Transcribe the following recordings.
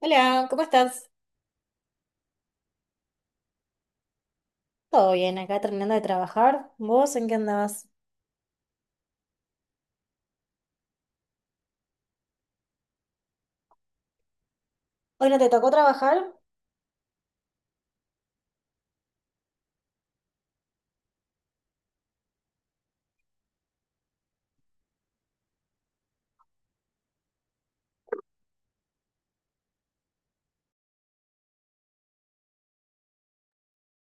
Hola, ¿cómo estás? Todo bien, acá terminando de trabajar. ¿Vos en qué andabas? ¿Hoy no te tocó trabajar?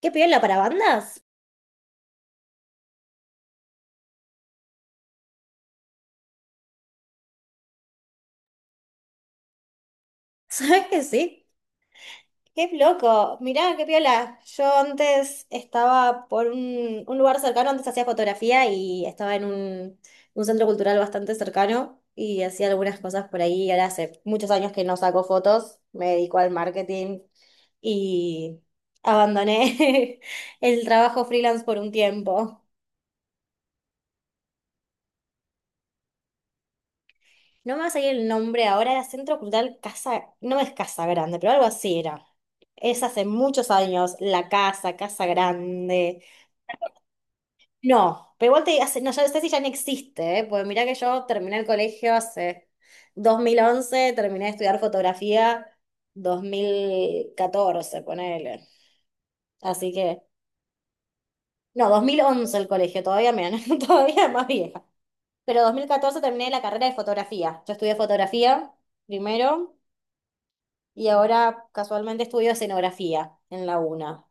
¿Qué piola para bandas? ¿Sabes que sí? ¡Qué loco! Mirá, qué piola. Yo antes estaba por un lugar cercano, antes hacía fotografía y estaba en un centro cultural bastante cercano y hacía algunas cosas por ahí. Y ahora hace muchos años que no saco fotos, me dedico al marketing y abandoné el trabajo freelance por un tiempo. No me va a salir el nombre ahora, era Centro Cultural Casa, no es Casa Grande, pero algo así era. Es hace muchos años, La Casa, Casa Grande. No, pero igual te hace, no, ya sé si ya no existe, ¿eh? Porque mirá que yo terminé el colegio hace dos mil once, terminé de estudiar fotografía 2014, ponele. Así que no, 2011 el colegio, todavía más vieja. Pero 2014 terminé la carrera de fotografía. Yo estudié fotografía primero, y ahora casualmente estudio escenografía en la UNA.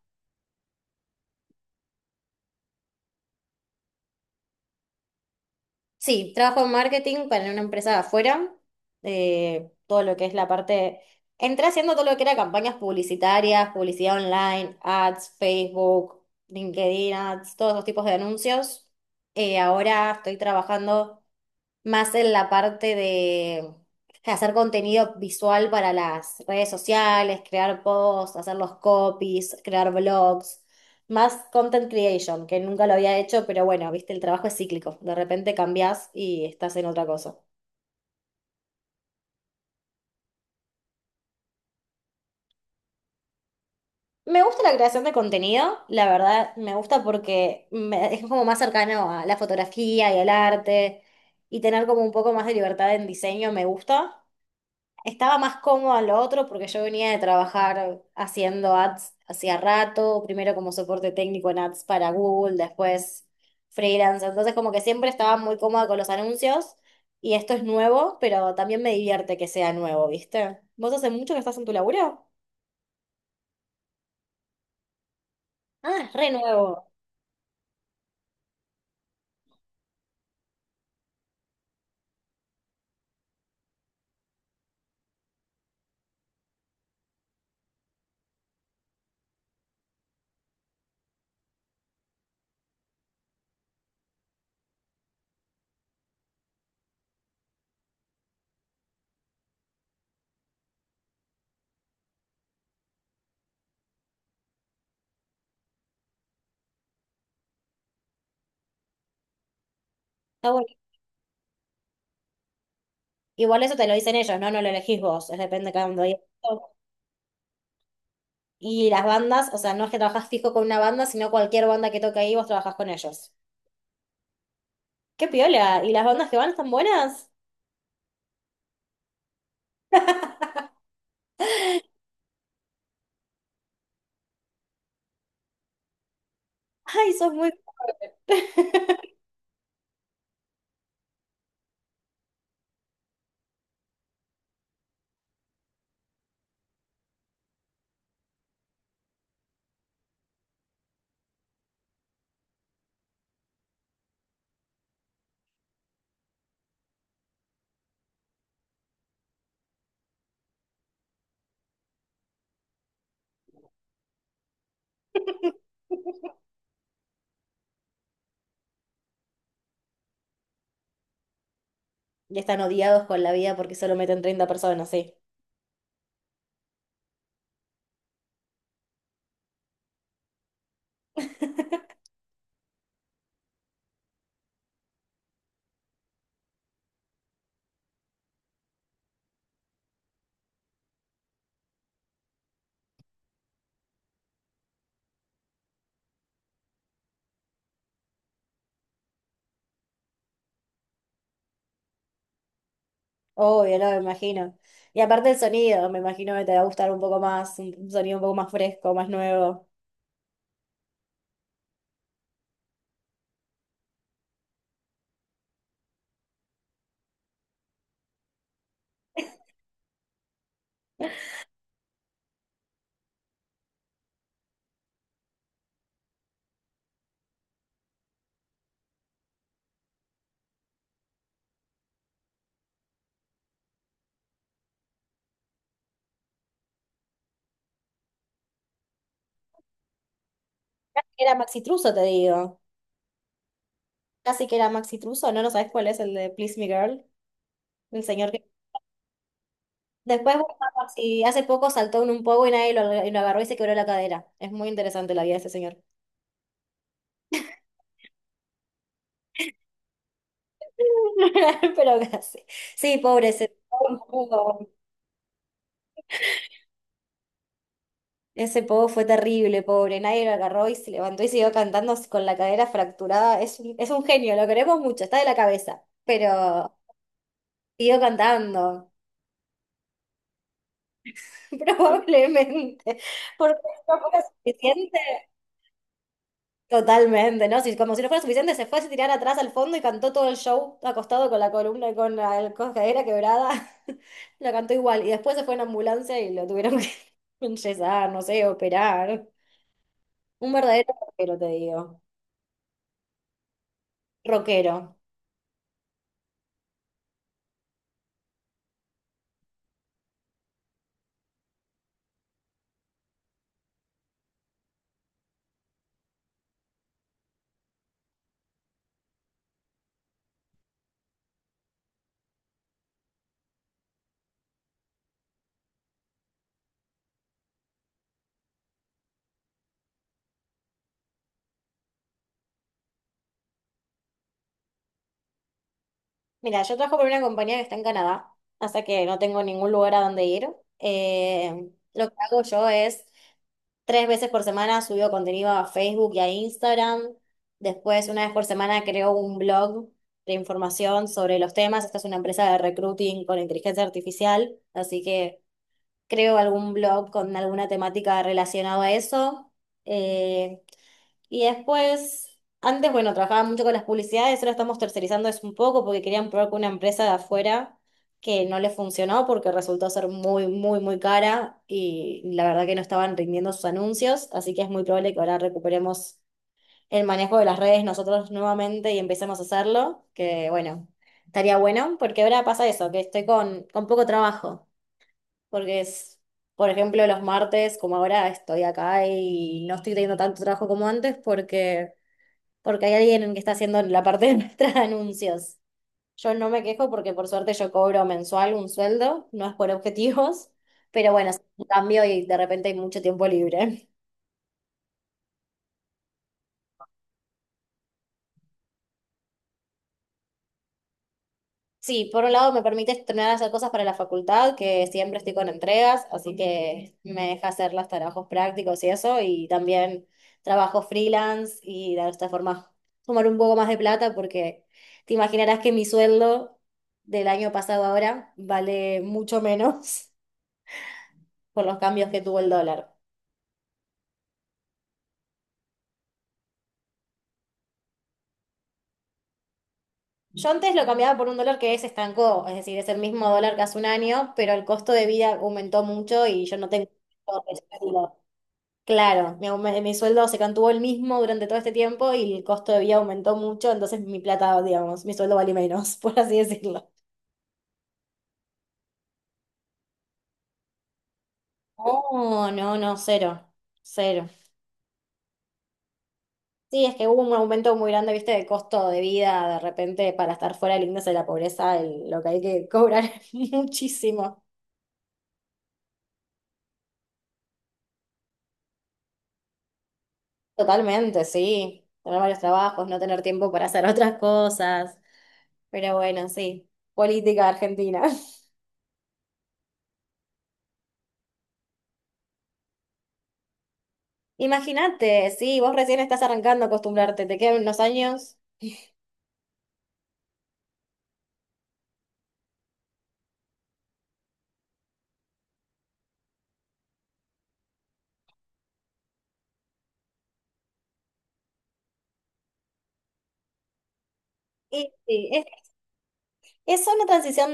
Sí, trabajo en marketing para una empresa de afuera, todo lo que es la parte... Entré haciendo todo lo que era campañas publicitarias, publicidad online, ads, Facebook, LinkedIn ads, todos esos tipos de anuncios. Ahora estoy trabajando más en la parte de hacer contenido visual para las redes sociales, crear posts, hacer los copies, crear blogs. Más content creation, que nunca lo había hecho, pero bueno, viste, el trabajo es cíclico. De repente cambias y estás en otra cosa. Me gusta la creación de contenido, la verdad, me gusta porque es como más cercano a la fotografía y al arte. Y tener como un poco más de libertad en diseño me gusta. Estaba más cómodo en lo otro porque yo venía de trabajar haciendo ads hacía rato, primero como soporte técnico en ads para Google, después freelance, entonces como que siempre estaba muy cómoda con los anuncios, y esto es nuevo, pero también me divierte que sea nuevo, ¿viste? ¿Vos hace mucho que estás en tu laburo? Ah, es re nuevo. Está bueno. Igual eso te lo dicen ellos, ¿no? No lo elegís vos, es depende de cada uno. Y las bandas, o sea, no es que trabajás fijo con una banda, sino cualquier banda que toque ahí, vos trabajás con ellos. ¡Qué piola! ¿Y las bandas que van están buenas? Ay, sos muy... Ya están odiados con la vida porque solo meten 30 personas, sí. Obvio, no, me imagino. Y aparte el sonido, me imagino que te va a gustar un poco más, un sonido un poco más fresco, más nuevo. Casi que era Maxi Truso, te digo. Casi que era Maxi Truso, ¿no? ¿No sabes cuál es el de Please Me Girl? El señor que... Después, bueno, si hace poco saltó en un poco y nadie lo, y lo agarró y se quebró la cadera. Es muy interesante la vida de ese señor. Pero casi. Sí, pobre, se... Ese pogo fue terrible, pobre. Nadie lo agarró y se levantó y siguió cantando con la cadera fracturada. Es un genio, lo queremos mucho, está de la cabeza. Pero siguió cantando, probablemente. Porque si no fue suficiente. Totalmente, ¿no? Si, como si no fuera suficiente, se fue a tirar atrás al fondo y cantó todo el show acostado con la columna y con la cadera quebrada. Lo cantó igual. Y después se fue en ambulancia y lo tuvieron que enyesar, no sé, operar. Un verdadero rockero, te digo. Rockero. Mira, yo trabajo por una compañía que está en Canadá, así que no tengo ningún lugar a donde ir. Lo que hago yo es tres veces por semana subo contenido a Facebook y a Instagram. Después, una vez por semana creo un blog de información sobre los temas. Esta es una empresa de recruiting con inteligencia artificial, así que creo algún blog con alguna temática relacionada a eso. Eh, y después, antes, bueno, trabajaba mucho con las publicidades, ahora estamos tercerizando eso un poco porque querían probar con una empresa de afuera que no les funcionó porque resultó ser muy, muy, muy cara y la verdad que no estaban rindiendo sus anuncios, así que es muy probable que ahora recuperemos el manejo de las redes nosotros nuevamente y empecemos a hacerlo, que bueno, estaría bueno porque ahora pasa eso, que estoy con poco trabajo, porque es... Por ejemplo, los martes, como ahora estoy acá y no estoy teniendo tanto trabajo como antes porque hay alguien que está haciendo la parte de nuestros anuncios. Yo no me quejo porque por suerte yo cobro mensual un sueldo, no es por objetivos, pero bueno, es un cambio y de repente hay mucho tiempo libre. Sí, por un lado me permite estrenar hacer cosas para la facultad, que siempre estoy con entregas, así que me deja hacer los trabajos prácticos y eso, y también trabajo freelance, y de esta forma tomar un poco más de plata porque te imaginarás que mi sueldo del año pasado ahora vale mucho menos, por los cambios que tuvo el dólar. Yo antes lo cambiaba por un dólar que se estancó, es decir, es el mismo dólar que hace un año, pero el costo de vida aumentó mucho y yo no tengo ese sueldo. Claro, mi sueldo se mantuvo el mismo durante todo este tiempo y el costo de vida aumentó mucho, entonces mi plata, digamos, mi sueldo vale menos, por así decirlo. Oh, no, no, cero, cero. Sí, es que hubo un aumento muy grande, viste, de costo de vida, de repente para estar fuera del índice de la pobreza, lo que hay que cobrar es muchísimo. Totalmente, sí. Tener varios trabajos, no tener tiempo para hacer otras cosas. Pero bueno, sí. Política argentina. Imagínate, sí, vos recién estás arrancando a acostumbrarte, te quedan unos años. Y sí, es una transición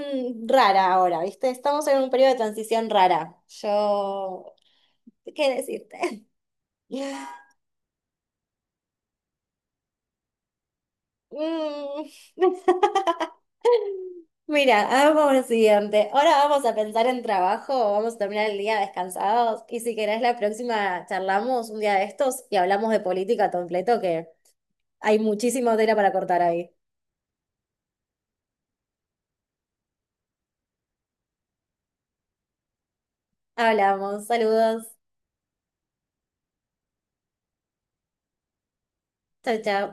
rara ahora, ¿viste? Estamos en un periodo de transición rara. Yo, ¿qué decirte? Mm. Mira, hagamos lo siguiente. Ahora vamos a pensar en trabajo, vamos a terminar el día descansados y si querés la próxima charlamos un día de estos y hablamos de política completo, que hay muchísima tela para cortar ahí. Hablamos, saludos, chao, chao.